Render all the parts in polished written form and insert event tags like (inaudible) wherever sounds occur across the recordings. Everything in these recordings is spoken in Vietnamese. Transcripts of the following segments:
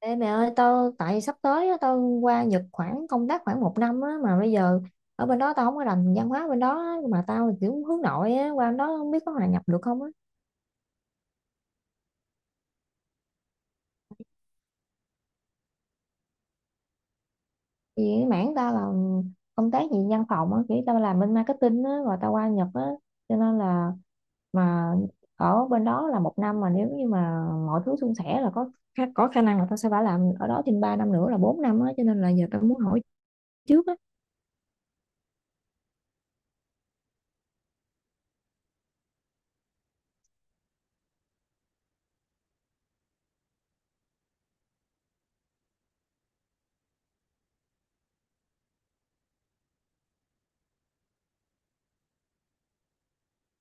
Ê mẹ ơi tao tại sắp tới á, tao qua Nhật khoảng công tác khoảng 1 năm á, mà bây giờ ở bên đó tao không có rành văn hóa bên đó á, mà tao kiểu hướng nội á, qua bên đó không biết có hòa nhập được không á vì cái mảng tao là công tác gì văn phòng á kiểu tao làm bên marketing á rồi tao qua Nhật á cho nên là mà ở bên đó là 1 năm mà nếu như mà mọi thứ suôn sẻ là có khả năng là tao sẽ phải làm ở đó thêm 3 năm nữa là 4 năm á cho nên là giờ tao muốn hỏi trước á.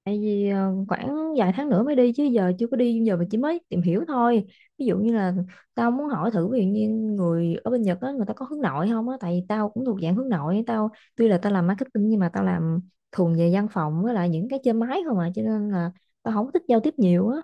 Tại vì khoảng vài tháng nữa mới đi chứ giờ chưa có đi giờ mà chỉ mới tìm hiểu thôi, ví dụ như là tao muốn hỏi thử, ví dụ như người ở bên Nhật á người ta có hướng nội không á, tại vì tao cũng thuộc dạng hướng nội, tao tuy là tao làm marketing nhưng mà tao làm thuần về văn phòng với lại những cái trên máy không à, cho nên là tao không thích giao tiếp nhiều á.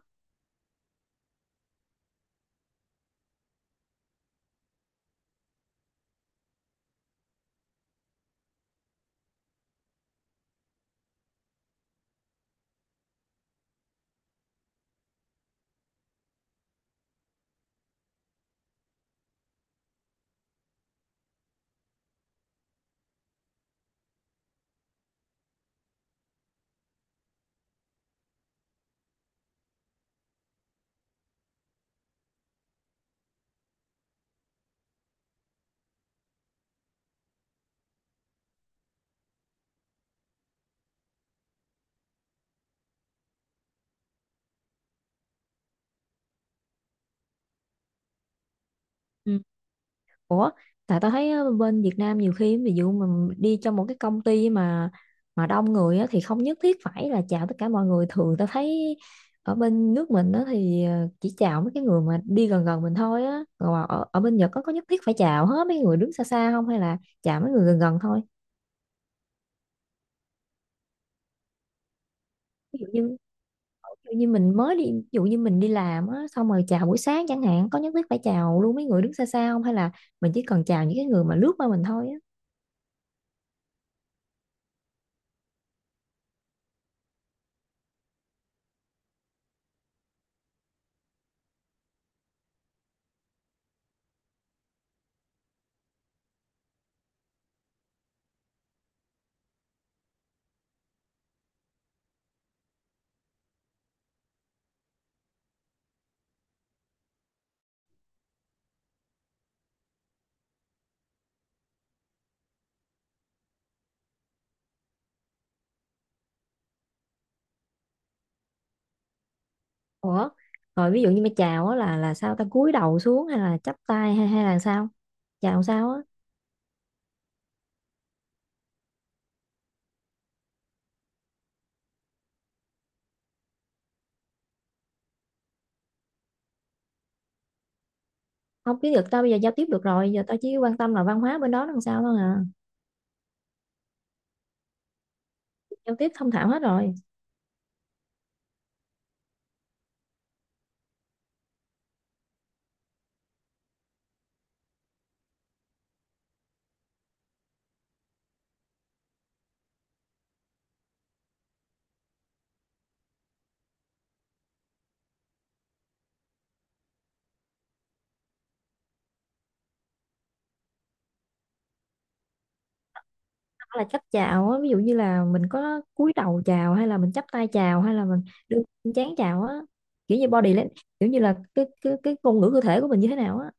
Ủa, tại tao thấy á, bên Việt Nam nhiều khi ví dụ mình đi cho một cái công ty mà đông người á, thì không nhất thiết phải là chào tất cả mọi người. Thường tao thấy ở bên nước mình á, thì chỉ chào mấy cái người mà đi gần gần mình thôi á. Còn mà ở bên Nhật có nhất thiết phải chào hết mấy người đứng xa xa không hay là chào mấy người gần gần thôi? Ví dụ như ví dụ như mình mới đi, ví dụ như mình đi làm á, xong rồi chào buổi sáng chẳng hạn, có nhất thiết phải chào luôn mấy người đứng xa xa không hay là mình chỉ cần chào những cái người mà lướt qua mình thôi á? Ủa, rồi ví dụ như mà chào á là sao ta, cúi đầu xuống hay là chắp tay hay hay là sao? Chào sao á? Không tiếng được, tao bây giờ giao tiếp được rồi, giờ tao chỉ quan tâm là văn hóa bên đó làm sao thôi à. Giao tiếp thông thạo hết rồi. Hoặc là cách chào á, ví dụ như là mình có cúi đầu chào hay là mình chắp tay chào hay là mình đưa chán chào á. Kiểu như kiểu như là cái ngôn ngữ cơ thể của mình như thế nào á.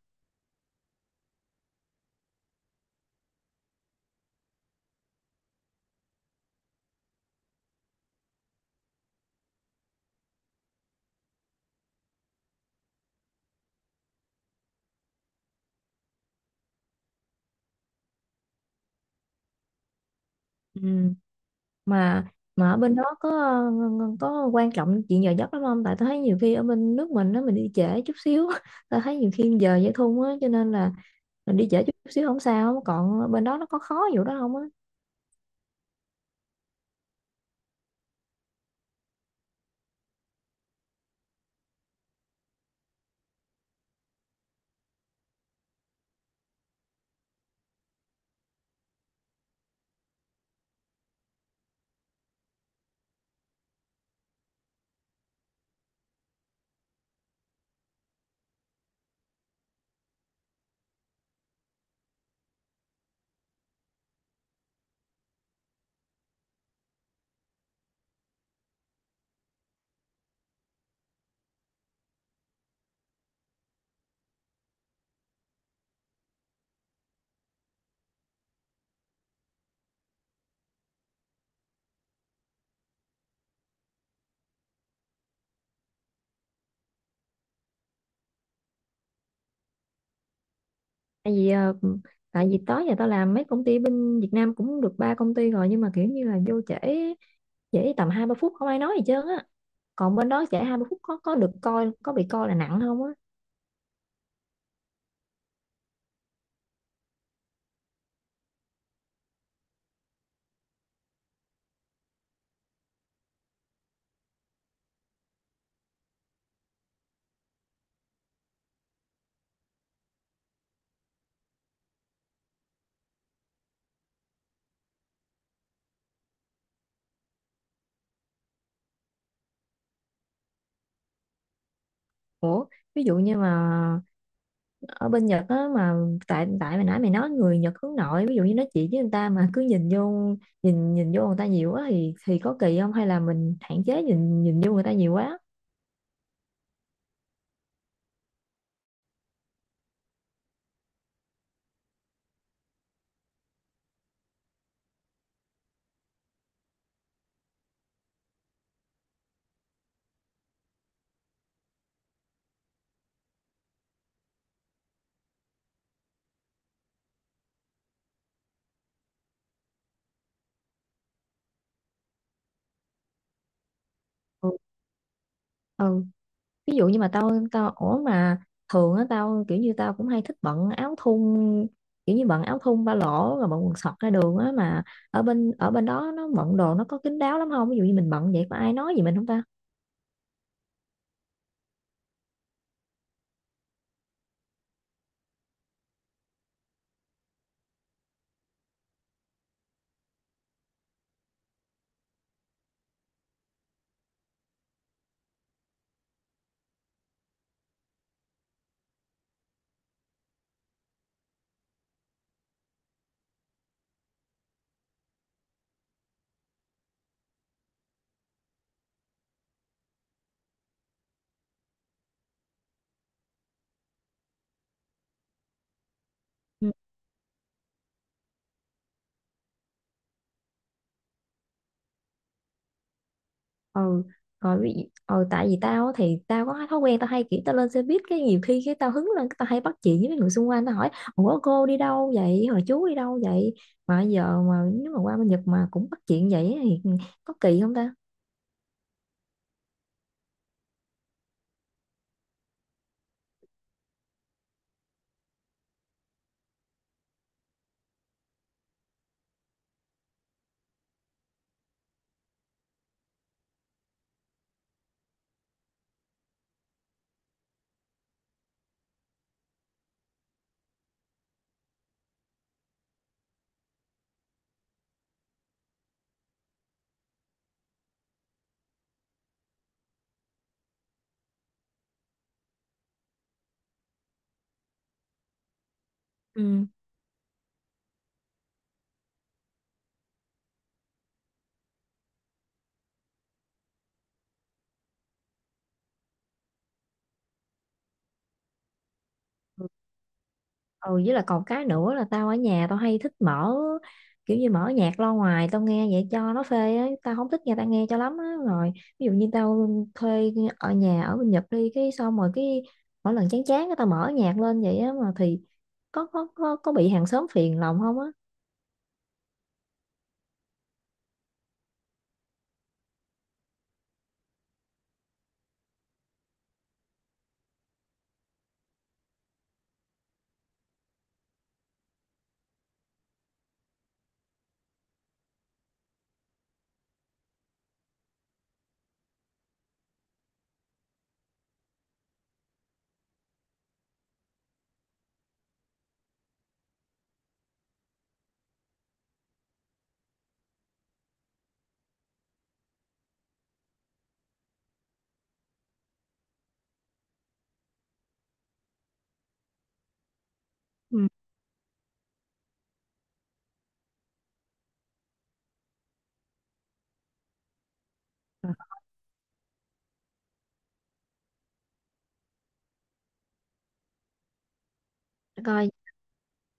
Ừ, mà ở bên đó có có quan trọng chuyện giờ giấc lắm không, tại tôi thấy nhiều khi ở bên nước mình đó mình đi trễ chút xíu (laughs) tôi thấy nhiều khi giờ dễ thun á cho nên là mình đi trễ chút xíu không sao, còn bên đó nó có khó vụ đó không á? Tại vì tại vì tới giờ tao làm mấy công ty bên Việt Nam cũng được ba công ty rồi, nhưng mà kiểu như là vô trễ, tầm 2-3 phút không ai nói gì trơn á, còn bên đó trễ 2-3 phút có bị coi là nặng không á? Ủa, ví dụ như mà ở bên Nhật á, mà tại tại mày nãy mày nói người Nhật hướng nội, ví dụ như nói chuyện với người ta mà cứ nhìn vô, nhìn nhìn vô người ta nhiều quá thì có kỳ không, hay là mình hạn chế nhìn nhìn vô người ta nhiều quá? Ừ. Ừ. Ví dụ như mà tao tao ủa, mà thường á tao kiểu như tao cũng hay thích bận áo thun, kiểu như bận áo thun ba lỗ rồi bận quần sọt ra đường á, mà ở bên đó nó bận đồ nó có kín đáo lắm không, ví dụ như mình bận vậy có ai nói gì mình không ta? Ừ. Rồi vì tại vì tao á thì tao có cái thói quen tao hay kiểu tao lên xe buýt cái nhiều khi cái tao hứng lên cái tao hay bắt chuyện với mấy người xung quanh, tao hỏi ủa cô đi đâu vậy, hồi chú đi đâu vậy, mà giờ mà nếu mà qua bên Nhật mà cũng bắt chuyện vậy thì có kỳ không ta? Ừ. Ừ, với là còn cái nữa là tao ở nhà tao hay thích mở, kiểu như mở nhạc lo ngoài tao nghe vậy cho nó phê á, tao không thích nghe tao nghe cho lắm á, rồi ví dụ như tao thuê ở nhà ở bên Nhật đi cái xong rồi cái mỗi lần chán chán cái tao mở nhạc lên vậy á mà, thì có bị hàng xóm phiền lòng không á? Ừ. Để coi,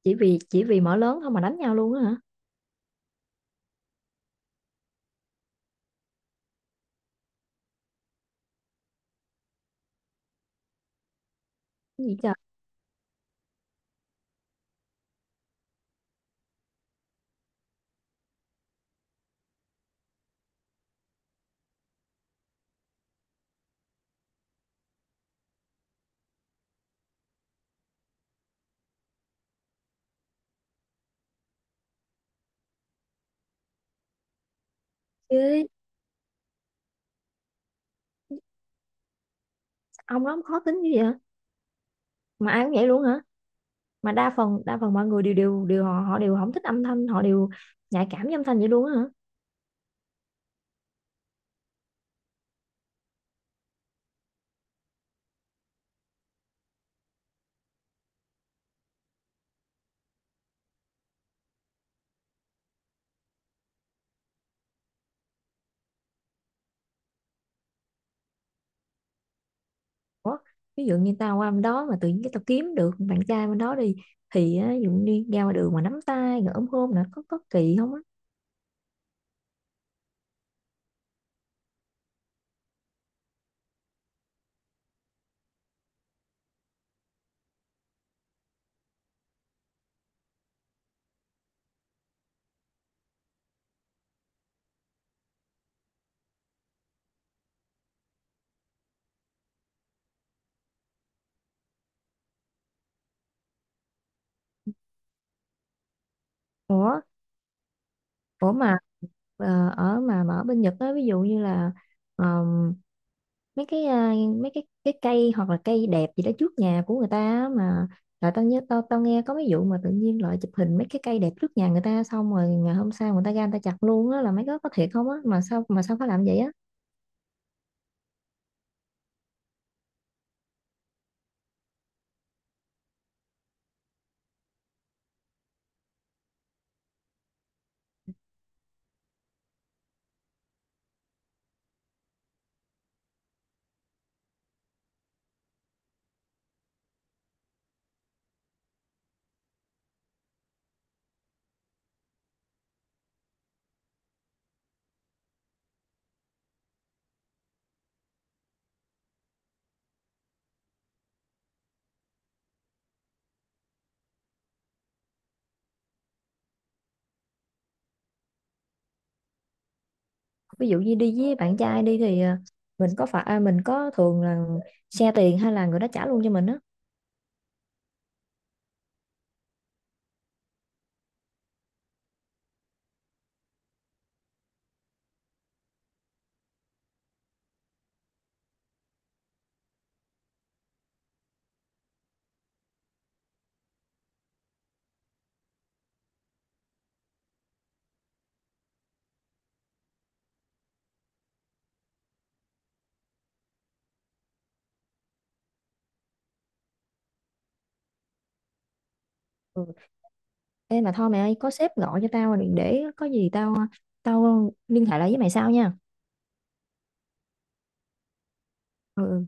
chỉ vì mở lớn thôi mà đánh nhau luôn á hả? Cái gì trời, chứ ông đó ông khó tính như vậy hả? Mà ai cũng vậy luôn hả? Mà đa phần mọi người đều đều đều họ họ đều không thích âm thanh, họ đều nhạy cảm với âm thanh vậy luôn á hả? Ủa? Ví dụ như tao qua bên đó mà tự nhiên cái tao kiếm được bạn trai bên đó đi thì á, ví dụ như ra ngoài đường mà nắm tay rồi ôm hôn là có kỳ không á? Ủa, ủa mà, ở bên Nhật á, ví dụ như là ờm, mấy cái, mấy cái cây hoặc là cây đẹp gì đó trước nhà của người ta á, mà là tao nhớ tao tao nghe có mấy vụ mà tự nhiên lại chụp hình mấy cái cây đẹp trước nhà người ta xong rồi ngày hôm sau người ta ra người ta chặt luôn á, là mấy cái có thiệt không á, mà sao phải làm vậy á? Ví dụ như đi với bạn trai đi thì à, mình có phải à, mình có thường là xe tiền hay là người đó trả luôn cho mình á? Ừ. Ê mà thôi mẹ ơi, có sếp gọi cho tao rồi, để có gì tao tao liên hệ lại với mày sau nha. Ừ.